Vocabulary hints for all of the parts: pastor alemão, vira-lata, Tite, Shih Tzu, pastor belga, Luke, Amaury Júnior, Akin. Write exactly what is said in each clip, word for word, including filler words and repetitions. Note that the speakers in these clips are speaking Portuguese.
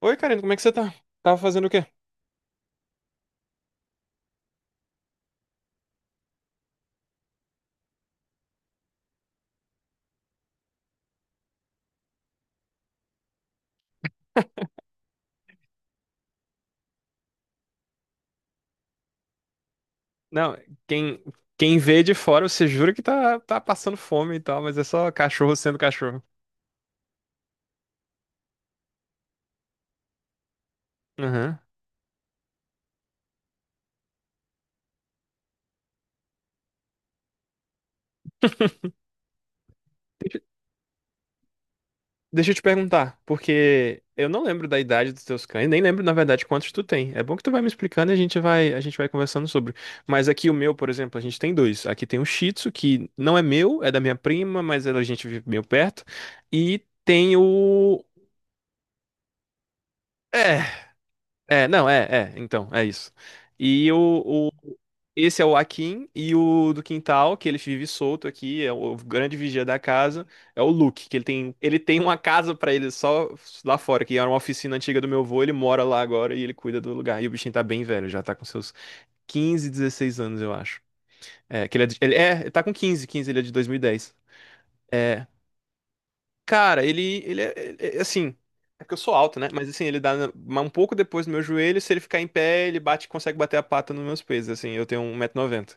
Oi, Karina, como é que você tá? Tava fazendo o quê? Não, quem, quem vê de fora, você jura que tá, tá passando fome e tal, mas é só cachorro sendo cachorro. Aham. Deixa deixa eu te perguntar, porque eu não lembro da idade dos teus cães, nem lembro, na verdade, quantos tu tem. É bom que tu vai me explicando e a gente vai, a gente vai conversando sobre. Mas aqui o meu, por exemplo, a gente tem dois. Aqui tem um Shih Tzu, que não é meu, é da minha prima, mas ela- a gente vive meio perto. E tem o... É. É, não, é, é, então, é isso. E o, o- esse é o Akin e o do quintal, que ele vive solto aqui, é o grande vigia da casa, é o Luke, que ele tem, ele tem uma casa pra ele só lá fora, que era uma oficina antiga do meu avô, ele mora lá agora e ele cuida do lugar. E o bichinho tá bem velho, já tá com seus quinze, dezesseis anos, eu acho. É, que ele é, de- ele é, tá com quinze, quinze. Ele é de dois mil e dez. É, Cara, ele, ele é, é- é assim. É porque eu sou alto, né? Mas assim, ele dá na- um pouco depois do meu joelho. Se ele ficar em pé, ele bate, consegue bater a pata nos meus peitos. Assim, eu tenho um 190 noventa.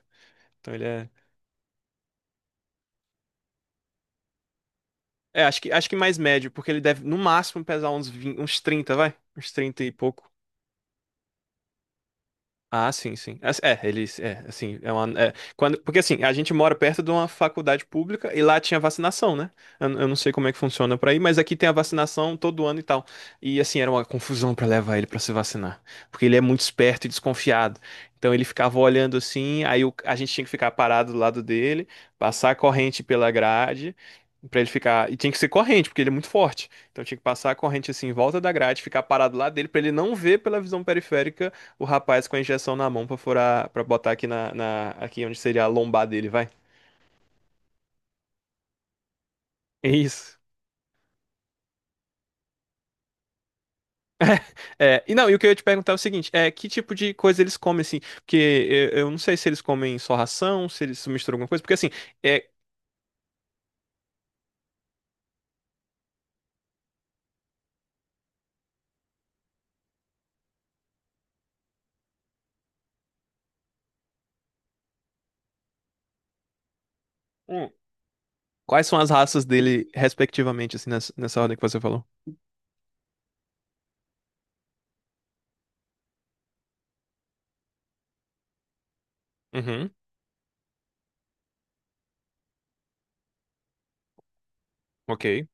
Então ele é. É, acho que, acho que mais médio, porque ele deve no máximo pesar uns vinte, uns trinta vai? Uns trinta e pouco. Ah, sim, sim. As- É, eles, é, assim, é uma, é, quando, porque assim, a gente mora perto de uma faculdade pública e lá tinha vacinação, né? Eu, eu não sei como é que funciona por aí, mas aqui tem a vacinação todo ano e tal. E assim, era uma confusão pra levar ele pra se vacinar, porque ele é muito esperto e desconfiado. Então ele ficava olhando assim, aí o- a gente tinha que ficar parado do lado dele, passar a corrente pela grade. Pra ele ficar. E tinha que ser corrente, porque ele é muito forte. Então tinha que passar a corrente assim em volta da grade, ficar parado lá dele, pra ele não ver pela visão periférica o rapaz com a injeção na mão pra furar, para botar aqui na, na- aqui onde seria a lombar dele, vai. É isso. É, e não, e o que eu ia te perguntar é o seguinte, é que tipo de coisa eles comem assim? Porque eu, eu não sei se eles comem só ração, se eles misturam alguma coisa, porque assim, é, hum, quais são as raças dele respectivamente assim nessa, nessa ordem que você falou? Uhum, ok.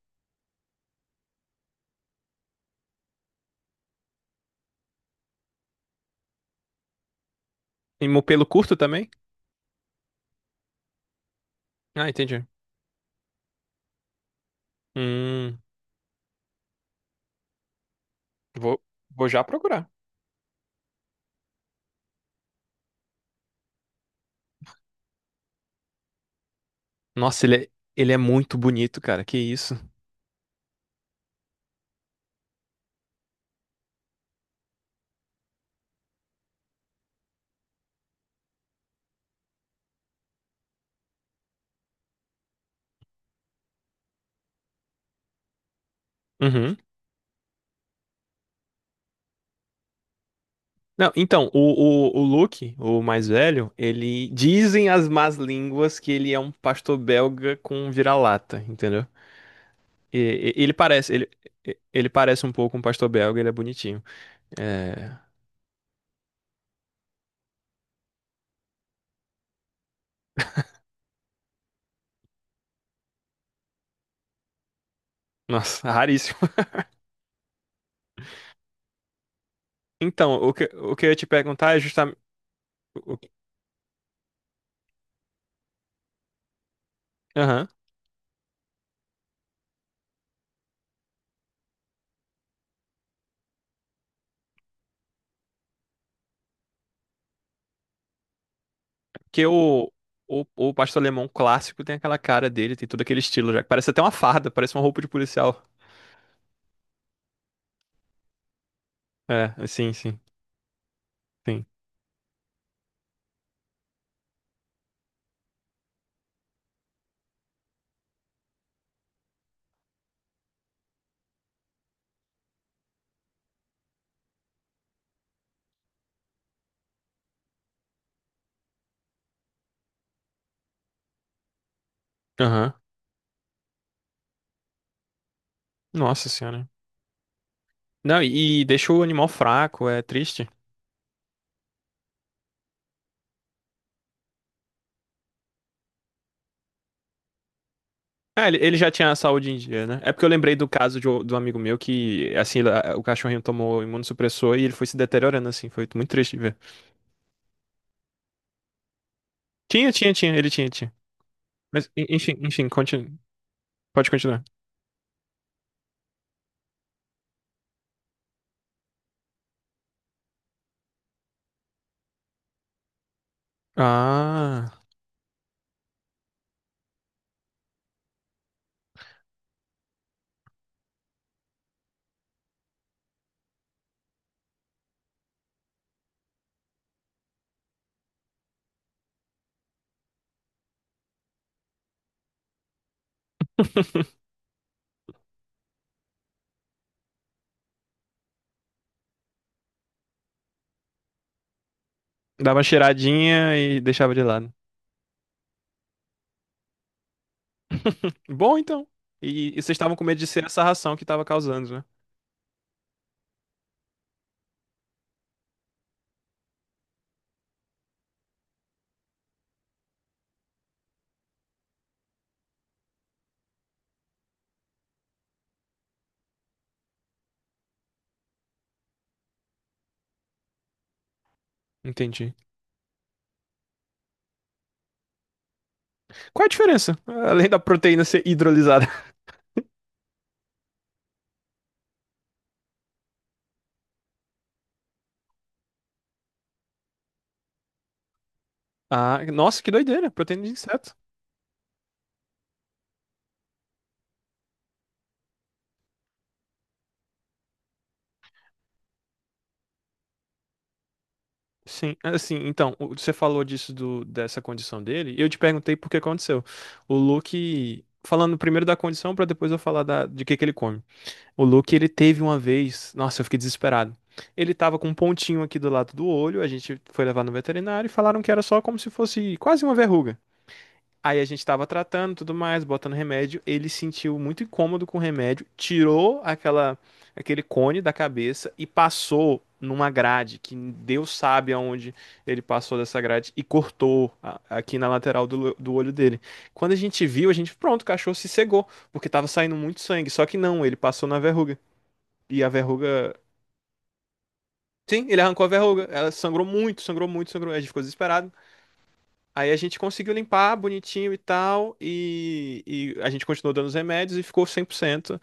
E mo- pelo curto também? Ah, entendi. Hum, vou, vou já procurar. Nossa, ele é, ele é muito bonito, cara. Que isso? Uhum. Não, então, o, o, o Luke, o mais velho, ele. Dizem as más línguas que ele é um pastor belga com vira-lata, entendeu? E, e- ele parece, ele, e- ele parece um pouco um pastor belga, ele é bonitinho. É. Nossa, raríssimo. Então, o que, o que eu ia te perguntar é justamente. o- Aham. Porque o, o, o pastor alemão clássico tem aquela cara dele, tem todo aquele estilo já. Parece até uma farda, parece uma roupa de policial. É, sim, sim, sim. Aham. Nossa senhora. Não, e, e deixa o animal fraco, é triste. É, ele, ele já tinha a saúde em dia, né? É porque eu lembrei do caso de, um- do amigo meu que, assim, lá, o cachorrinho tomou imunossupressor e ele foi se deteriorando, assim. Foi muito triste de ver. Tinha, tinha, tinha, ele tinha, tinha. Mas, en- enfim, enfim, continu... pode continuar. Ah, dava uma cheiradinha e deixava de lado. Bom, então. E, e vocês estavam com medo de ser essa ração que tava causando, né? Entendi. Qual é a diferença? Além da proteína ser hidrolisada. Ah, nossa, que doideira, proteína de inseto. Sim, é, assim, então, o- você falou disso do, dessa condição dele, e eu te perguntei por que aconteceu. O Luke, falando primeiro da condição, pra depois eu falar da, de que que ele come. O Luke, ele teve uma vez, nossa, eu fiquei desesperado. Ele tava com um pontinho aqui do lado do olho, a gente foi levar no veterinário e falaram que era só como se fosse quase uma verruga. Aí a gente tava tratando, tudo mais, botando remédio. Ele se sentiu muito incômodo com o remédio, tirou aquela aquele cone da cabeça e passou numa grade, que Deus sabe aonde ele passou dessa grade e cortou a- aqui na lateral do, do olho dele. Quando a gente viu, a gente, pronto, o cachorro se cegou, porque tava saindo muito sangue. Só que não, ele passou na verruga. E a verruga. Sim, ele arrancou a verruga. Ela sangrou muito, sangrou muito, sangrou. A gente ficou desesperado. Aí a gente conseguiu limpar bonitinho e tal, e, e a gente continuou dando os remédios e ficou cem por cento,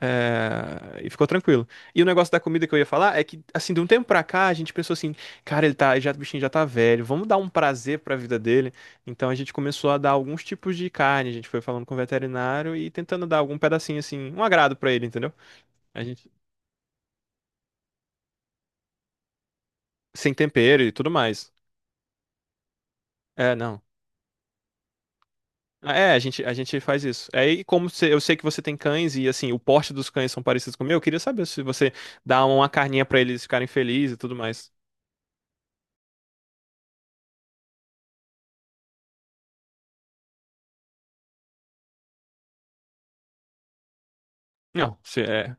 eh, e ficou tranquilo. E o negócio da comida que eu ia falar é que, assim, de um tempo pra cá, a gente pensou assim, cara, ele tá, já, o bichinho já tá velho, vamos dar um prazer pra vida dele. Então a gente começou a dar alguns tipos de carne, a gente foi falando com o veterinário e tentando dar algum pedacinho, assim, um agrado pra ele, entendeu? A gente, sem tempero e tudo mais. É, não. Ah, é, a gente, a gente faz isso. Aí, como você- eu sei que você tem cães e assim, o porte dos cães são parecidos com o meu, eu queria saber se você dá uma carninha pra eles ficarem felizes e tudo mais. Não, se é.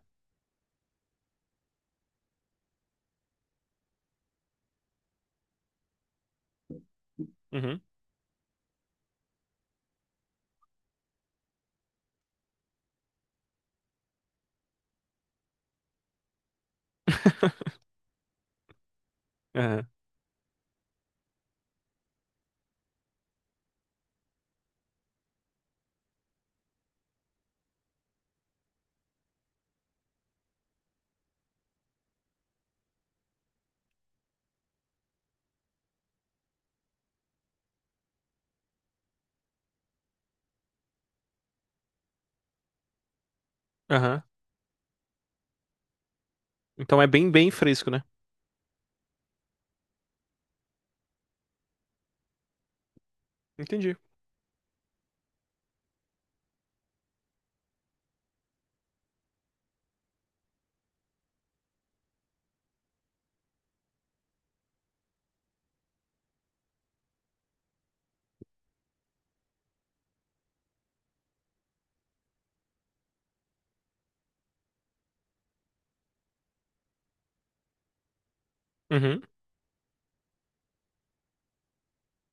Uhum. Aham. Aham. Então é bem, bem fresco, né? Entendi. Uhum.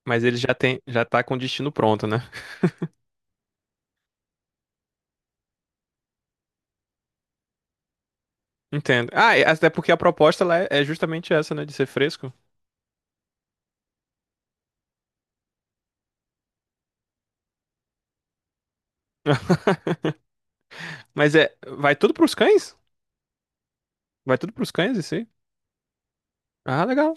Mas ele já tem, já tá com o destino pronto, né? Entendo. Ah, e até porque a proposta lá é é justamente essa, né? De ser fresco. Mas é, vai tudo pros cães? Vai tudo pros cães, isso aí? Ah, legal.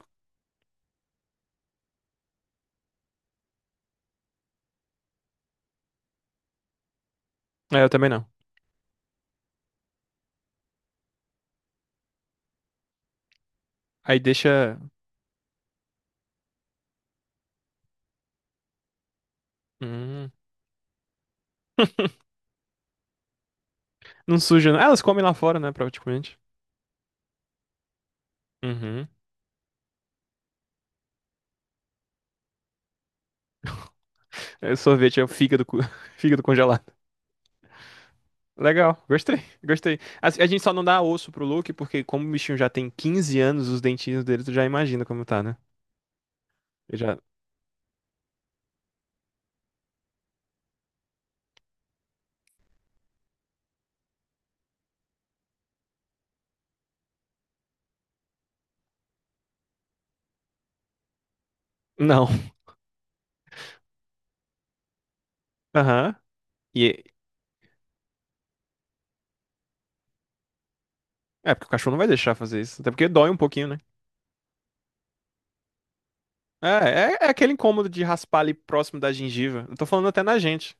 É, eu também não. Aí deixa. Hum. Não suja, não. Ah, elas comem lá fora, né, praticamente. Uhum. É, sorvete é o fígado, co- fígado congelado. Legal, gostei, gostei. A, a gente só não dá osso pro Luke, porque como o bichinho já tem quinze anos, os dentinhos dele, tu já imagina como tá, né? Ele já... Não. Aham. E... É, porque o cachorro não vai deixar fazer isso. Até porque dói um pouquinho, né? É, é, é aquele incômodo de raspar ali próximo da gengiva. Eu tô falando até na gente.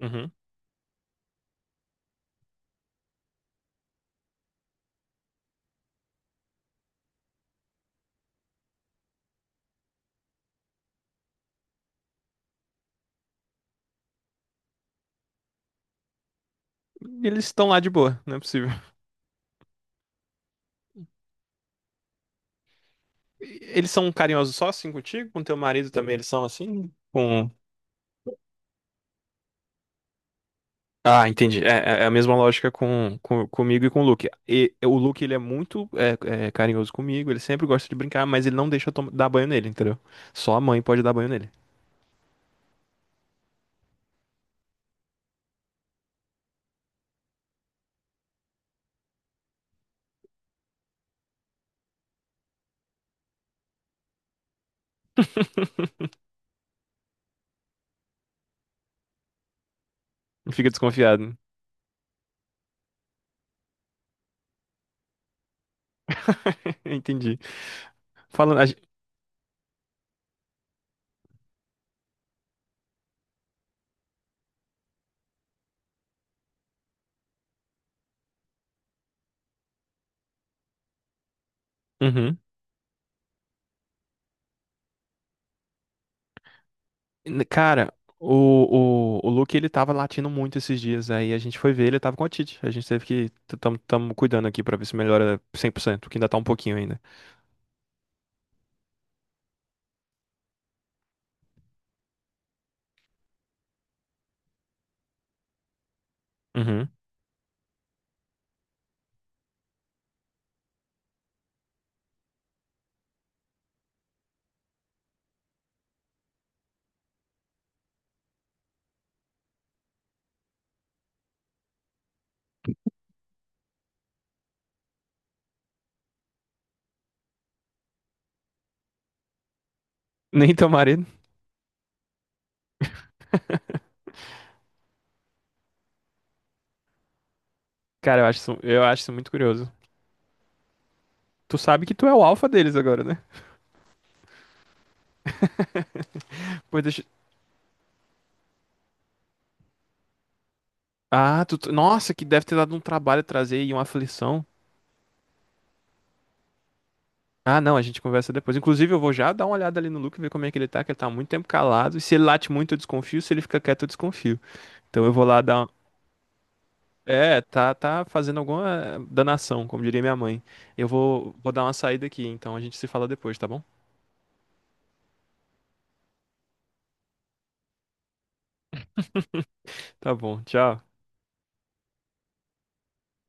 Uhum. Eles estão lá de boa, não é possível. E eles são carinhosos só assim contigo? Com teu marido também eles são assim? Com Ah, entendi. É, é é a mesma lógica com, com- comigo e com o Luke. E, o Luke, ele é muito é, é, carinhoso comigo, ele sempre gosta de brincar, mas ele não deixa eu tom- dar banho nele, entendeu? Só a mãe pode dar banho nele. Fica desconfiado. Entendi. Falando. a gen- Uhum. N- Cara, o, o, o Luke ele tava latindo muito esses dias. Aí a gente foi ver, ele tava com a Tite. A gente teve que. t- Tamo, tamo cuidando aqui pra ver se melhora cem por cento, que ainda tá um pouquinho ainda. Uhum. Nem teu marido. Cara, eu acho isso, eu acho isso muito curioso. Tu sabe que tu é o alfa deles agora, né? Pois deixa... Ah, tu... tu- nossa, que deve ter dado um trabalho trazer e uma aflição. Ah, não, a gente conversa depois. Inclusive, eu vou já dar uma olhada ali no Luke, ver como é que ele tá, que ele tá há muito tempo calado. E se ele late muito, eu desconfio. Se ele fica quieto, eu desconfio. Então eu vou lá dar. uma- É, tá, tá fazendo alguma danação, como diria minha mãe. Eu vou, vou dar uma saída aqui, então a gente se fala depois, tá bom? Tá bom, tchau.